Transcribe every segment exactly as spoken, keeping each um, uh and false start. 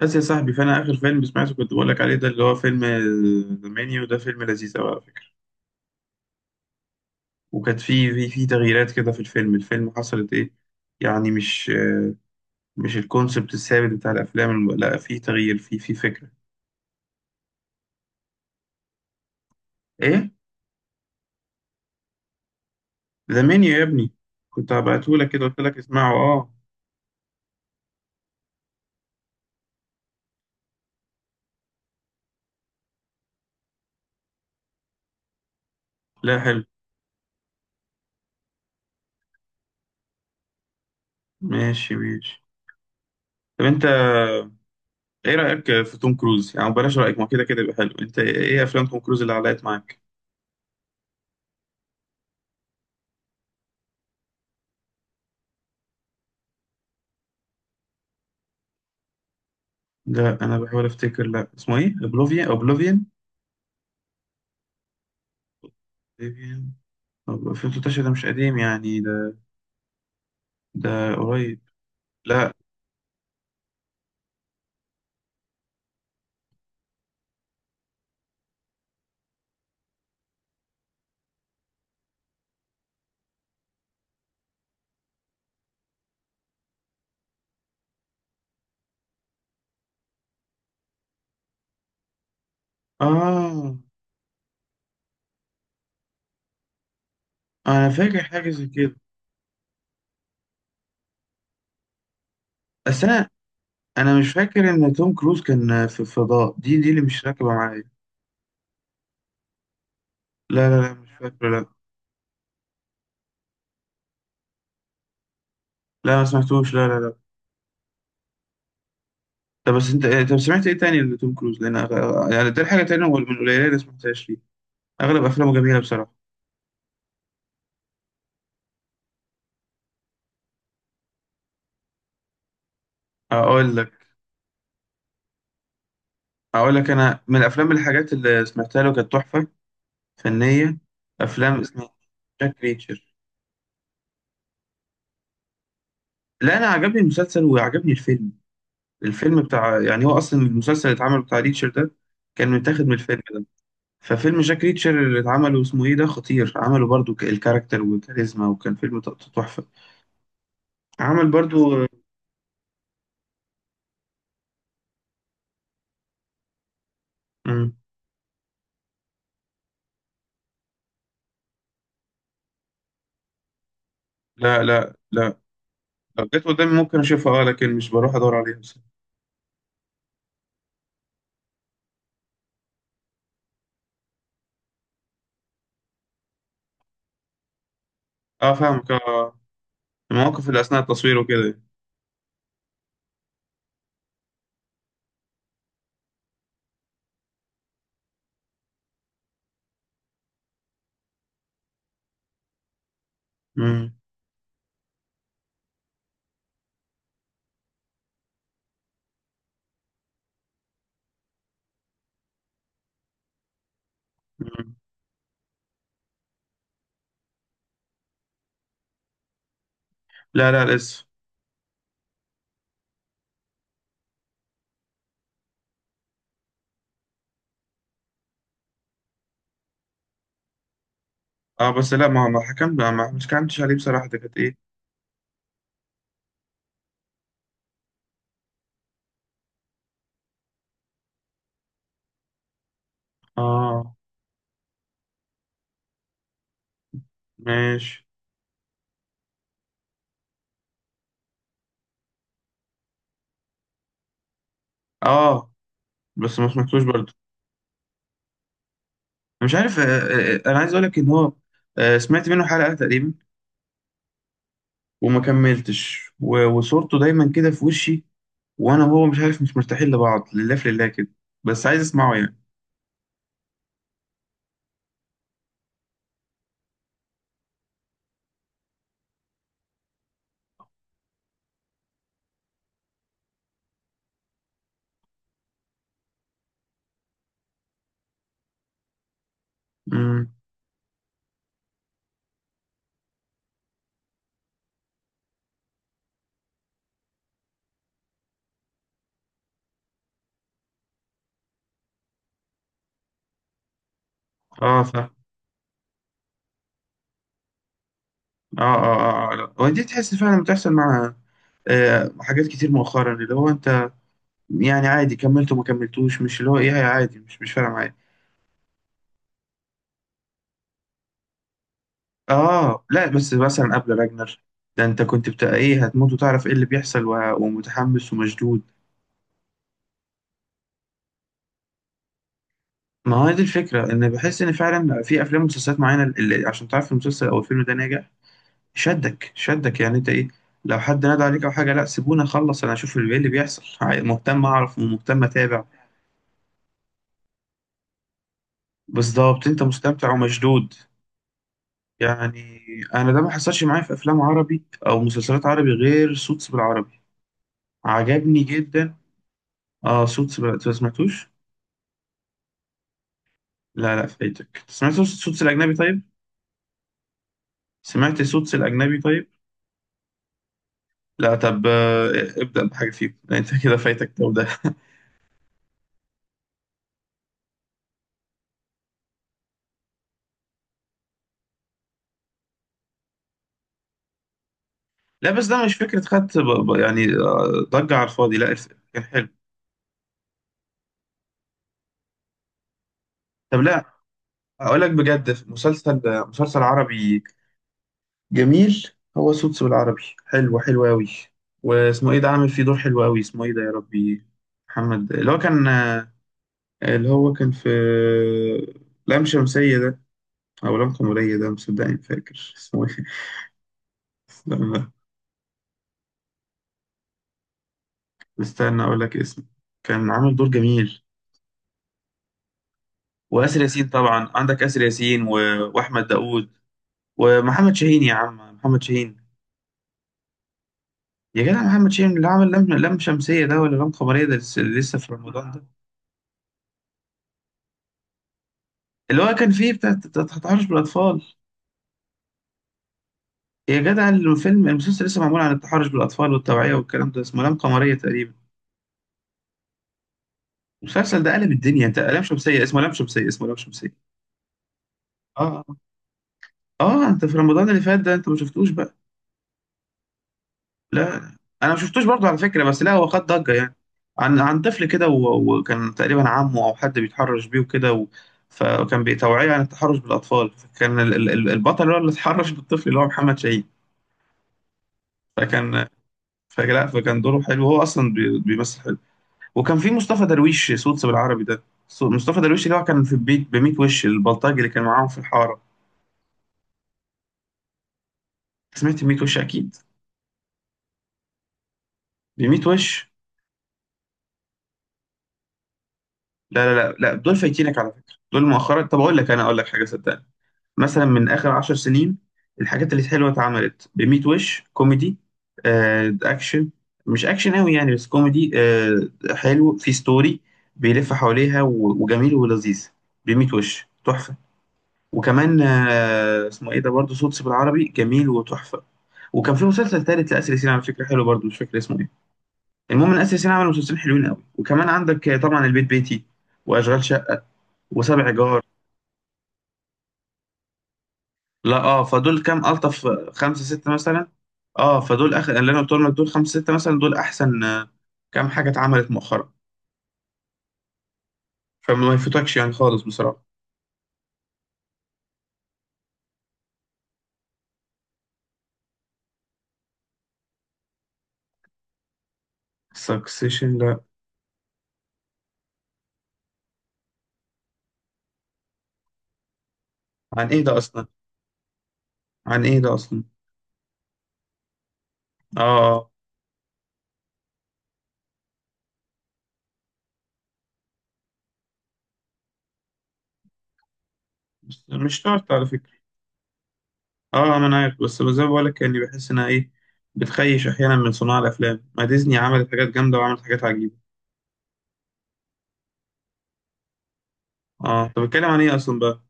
بس يا صاحبي فانا اخر فيلم سمعته كنت بقول لك عليه ده اللي هو فيلم ذا مانيو ده، فيلم لذيذ قوي على فكره. وكانت في في في تغييرات كده في الفيلم الفيلم، حصلت ايه يعني؟ مش آه، مش الكونسبت الثابت بتاع الافلام الم- لا، في تغيير في في فكره. ايه؟ ذا مانيو يا ابني، كنت هبعتهولك كده، قلت لك اسمعه اه. لا حلو. ماشي ماشي. طب انت ايه رايك في توم كروز؟ يعني بلاش رايك، ما كده كده يبقى حلو. انت ايه افلام توم كروز اللي علقت معاك؟ ده انا بحاول افتكر، لا اسمه ايه، اوبلوفيان اوبلوفيان، ديبيان. طب ألفين وستاشر ده مش قديم يعني، ده ده قريب. لا آه، أنا فاكر حاجة زي كده. بس أنا أنا مش فاكر إن توم كروز كان في الفضاء، دي دي اللي مش راكبة معايا. لا لا لا، مش فاكر لا. لا، ما سمعتوش، لا لا لا. طب بس أنت إيه- طب سمعت إيه تاني لتوم كروز؟ لأن أغ- يعني ده حاجة تانية من القليلة اللي سمعتهاش ليه. أغلب أفلامه جميلة بصراحة. أقول لك أقول لك أنا من الأفلام الحاجات اللي سمعتها له كانت تحفة فنية. أفلام اسمها جاك ريتشر. لا انا عجبني المسلسل وعجبني الفيلم. الفيلم بتاع يعني، هو اصلا المسلسل اللي اتعمل بتاع ريتشر ده كان متاخد من الفيلم ده. ففيلم جاك ريتشر اللي اتعمل اسمه ايه ده، خطير، عمله برضو ك- الكاركتر والكاريزما، وكان فيلم ت- تحفة. عمل برضو. مم. لا لا لا، لو جت قدامي ممكن اشوفها اه، لكن مش بروح ادور عليها بس. اه فاهمك اه. المواقف اللي اثناء التصوير وكده. مم. مم. لا لا لسه. اه بس لا، ما ما حكمت ما ما- مش كانتش عليه بصراحة، ده كانت ايه. اه ماشي. اه بس ما سمعتوش برضه. انا مش عارف. آه، آه، آه، انا عايز اقول لك ان هو آه، سمعت منه حلقة تقريبا وما كملتش، و- وصورته دايما كده في وشي، وانا وهو مش عارف، مش مرتاحين لبعض، لله في لله كده، بس عايز اسمعه يعني. امم. اه صح اه. اه اه، آه لا. ودي تحس فعلا بتحصل مع آه حاجات كتير مؤخرا، اللي هو انت يعني عادي، كملت وما كملتوش، مش اللي هو ايه، عادي، مش مش فارقه معايا. اه لا، بس مثلا قبل راجنر ده، انت كنت بتاع ايه، هتموت وتعرف ايه اللي بيحصل، وه- ومتحمس ومشدود. ما هو دي الفكرة، إن بحس إن فعلا في أفلام ومسلسلات معينة، اللي عشان تعرف المسلسل أو الفيلم ده ناجح، شدك شدك يعني. أنت إيه، لو حد نادى عليك أو حاجة، لا سيبوني أخلص أنا أشوف اللي إيه اللي بيحصل، عاي- مهتم أعرف ومهتم أتابع. بالظبط، أنت مستمتع ومشدود يعني. أنا ده ما حصلش معايا في أفلام عربي أو مسلسلات عربي غير سوتس بالعربي، عجبني جدا. آه سوتس بال... أنت ما سمعتوش؟ لا لا، فايتك. سمعت سوتس الأجنبي طيب؟ سمعت سوتس الأجنبي طيب؟ لا طب آه، ابدأ بحاجة فيهم يعني انت كده فايتك ده وده. لا بس ده مش فكرة خدت ب- ب- يعني آه، ضجة على الفاضي، لا الف- كان حلو. طب لا، اقول لك بجد مسلسل، مسلسل عربي جميل، هو سوتس بالعربي حلو حلو قوي. واسمه ايه ده، عامل فيه دور حلو قوي، اسمه ايه ده يا ربي. محمد اللي هو كان آه، اللي هو كان في آه، لام شمسية ده او لام قمرية ده، مصدقني فاكر اسمه ايه. استنى استنى، اقول لك اسمه. كان عامل دور جميل. واسر ياسين طبعا عندك، اسر ياسين و- واحمد داوود ومحمد شاهين. يا عم محمد شاهين. يا جدع محمد شاهين اللي عمل لم لم شمسيه ده، ولا لم قمريه ده، لسه لسه في رمضان ده. اللي هو كان فيه بتاع الت- التحرش بالاطفال. يا جدع الفيلم المسلسل لسه معمول عن التحرش بالاطفال والتوعيه والكلام ده، اسمه لم قمريه تقريبا. المسلسل ده قلب الدنيا. انت، لم شمسيه، اسمه لم شمسيه، اسمه لم شمسيه. اه اه آه، انت في رمضان اللي فات ده انت ما شفتوش بقى. لا انا ما شفتوش برضه على فكره، بس لا هو خد ضجه يعني. عن عن طفل كده، و- وكان تقريبا عمه او حد بيتحرش بيه وكده و... فكان بتوعية عن التحرش بالاطفال. فكان ال- ال- ال- البطل هو اللي اتحرش بالطفل، اللي هو محمد شاهين. فكان فلا فكان دوره حلو، هو اصلا بي- بيمثل حلو. وكان في مصطفى درويش صوت بالعربي ده. صوت مصطفى درويش اللي هو كان في البيت ب ميت وش، البلطجي اللي كان معاهم في الحاره. سمعت ميت وش اكيد، ب ميت وش. لا لا لا لا، دول فايتينك على فكره، دول مؤخرا. طب اقول لك، انا اقول لك حاجه صدقني، مثلا من اخر عشر سنين الحاجات اللي حلوه اتعملت بميت وش كوميدي، آه اكشن، مش اكشن قوي يعني بس كوميدي، آه حلو في ستوري بيلف حواليها، و- وجميل ولذيذ. بميت وش تحفه. وكمان آه اسمه ايه ده برضه، صوت بالعربي، جميل وتحفه. وكان في مسلسل تالت لاسر ياسين على فكره حلو برضه، مش فاكر اسمه ايه. المهم ان اسر ياسين عمل مسلسلين حلوين قوي. وكمان عندك آه، طبعا البيت بيتي، واشغال شقه، وسبع جار. لا اه، فدول كام الطف، خمسه سته مثلا. اه، فدول اخر اللي انا قلتهم لك، دول خمسه سته مثلا، دول احسن آه، كام حاجه اتعملت مؤخرا. فما يفوتكش يعني خالص بصراحه. سكسيشن لا. عن ايه ده اصلا؟ عن ايه ده اصلا؟ اه آه. بس مش شرط على فكره. اه ما انا عارف، بس زي ما بقول لك يعني، بحس انها ايه، بتخيش احيانا من صناع الافلام، ما ديزني عملت حاجات جامده وعملت حاجات عجيبه. اه طب بتكلم عن ايه اصلا بقى؟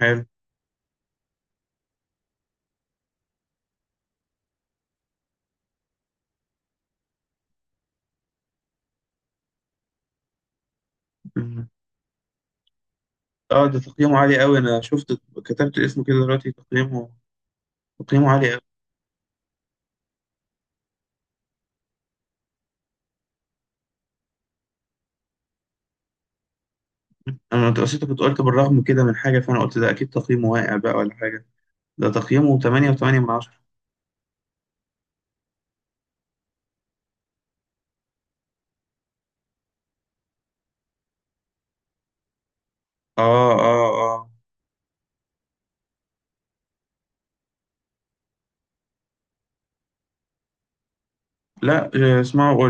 حلو. مم. اه ده تقييمه عالي قوي، انا شفت كتبت اسمه كده دلوقتي، تقييمه تقييمه عالي. انا أنت- اصل انت كنت قلت بالرغم كده من حاجه، فانا قلت ده اكيد تقييمه واقع بقى ولا حاجه. ده تقييمه تمنية فاصلة تمنية من عشرة. اه اه اه لا آه، اسمعوا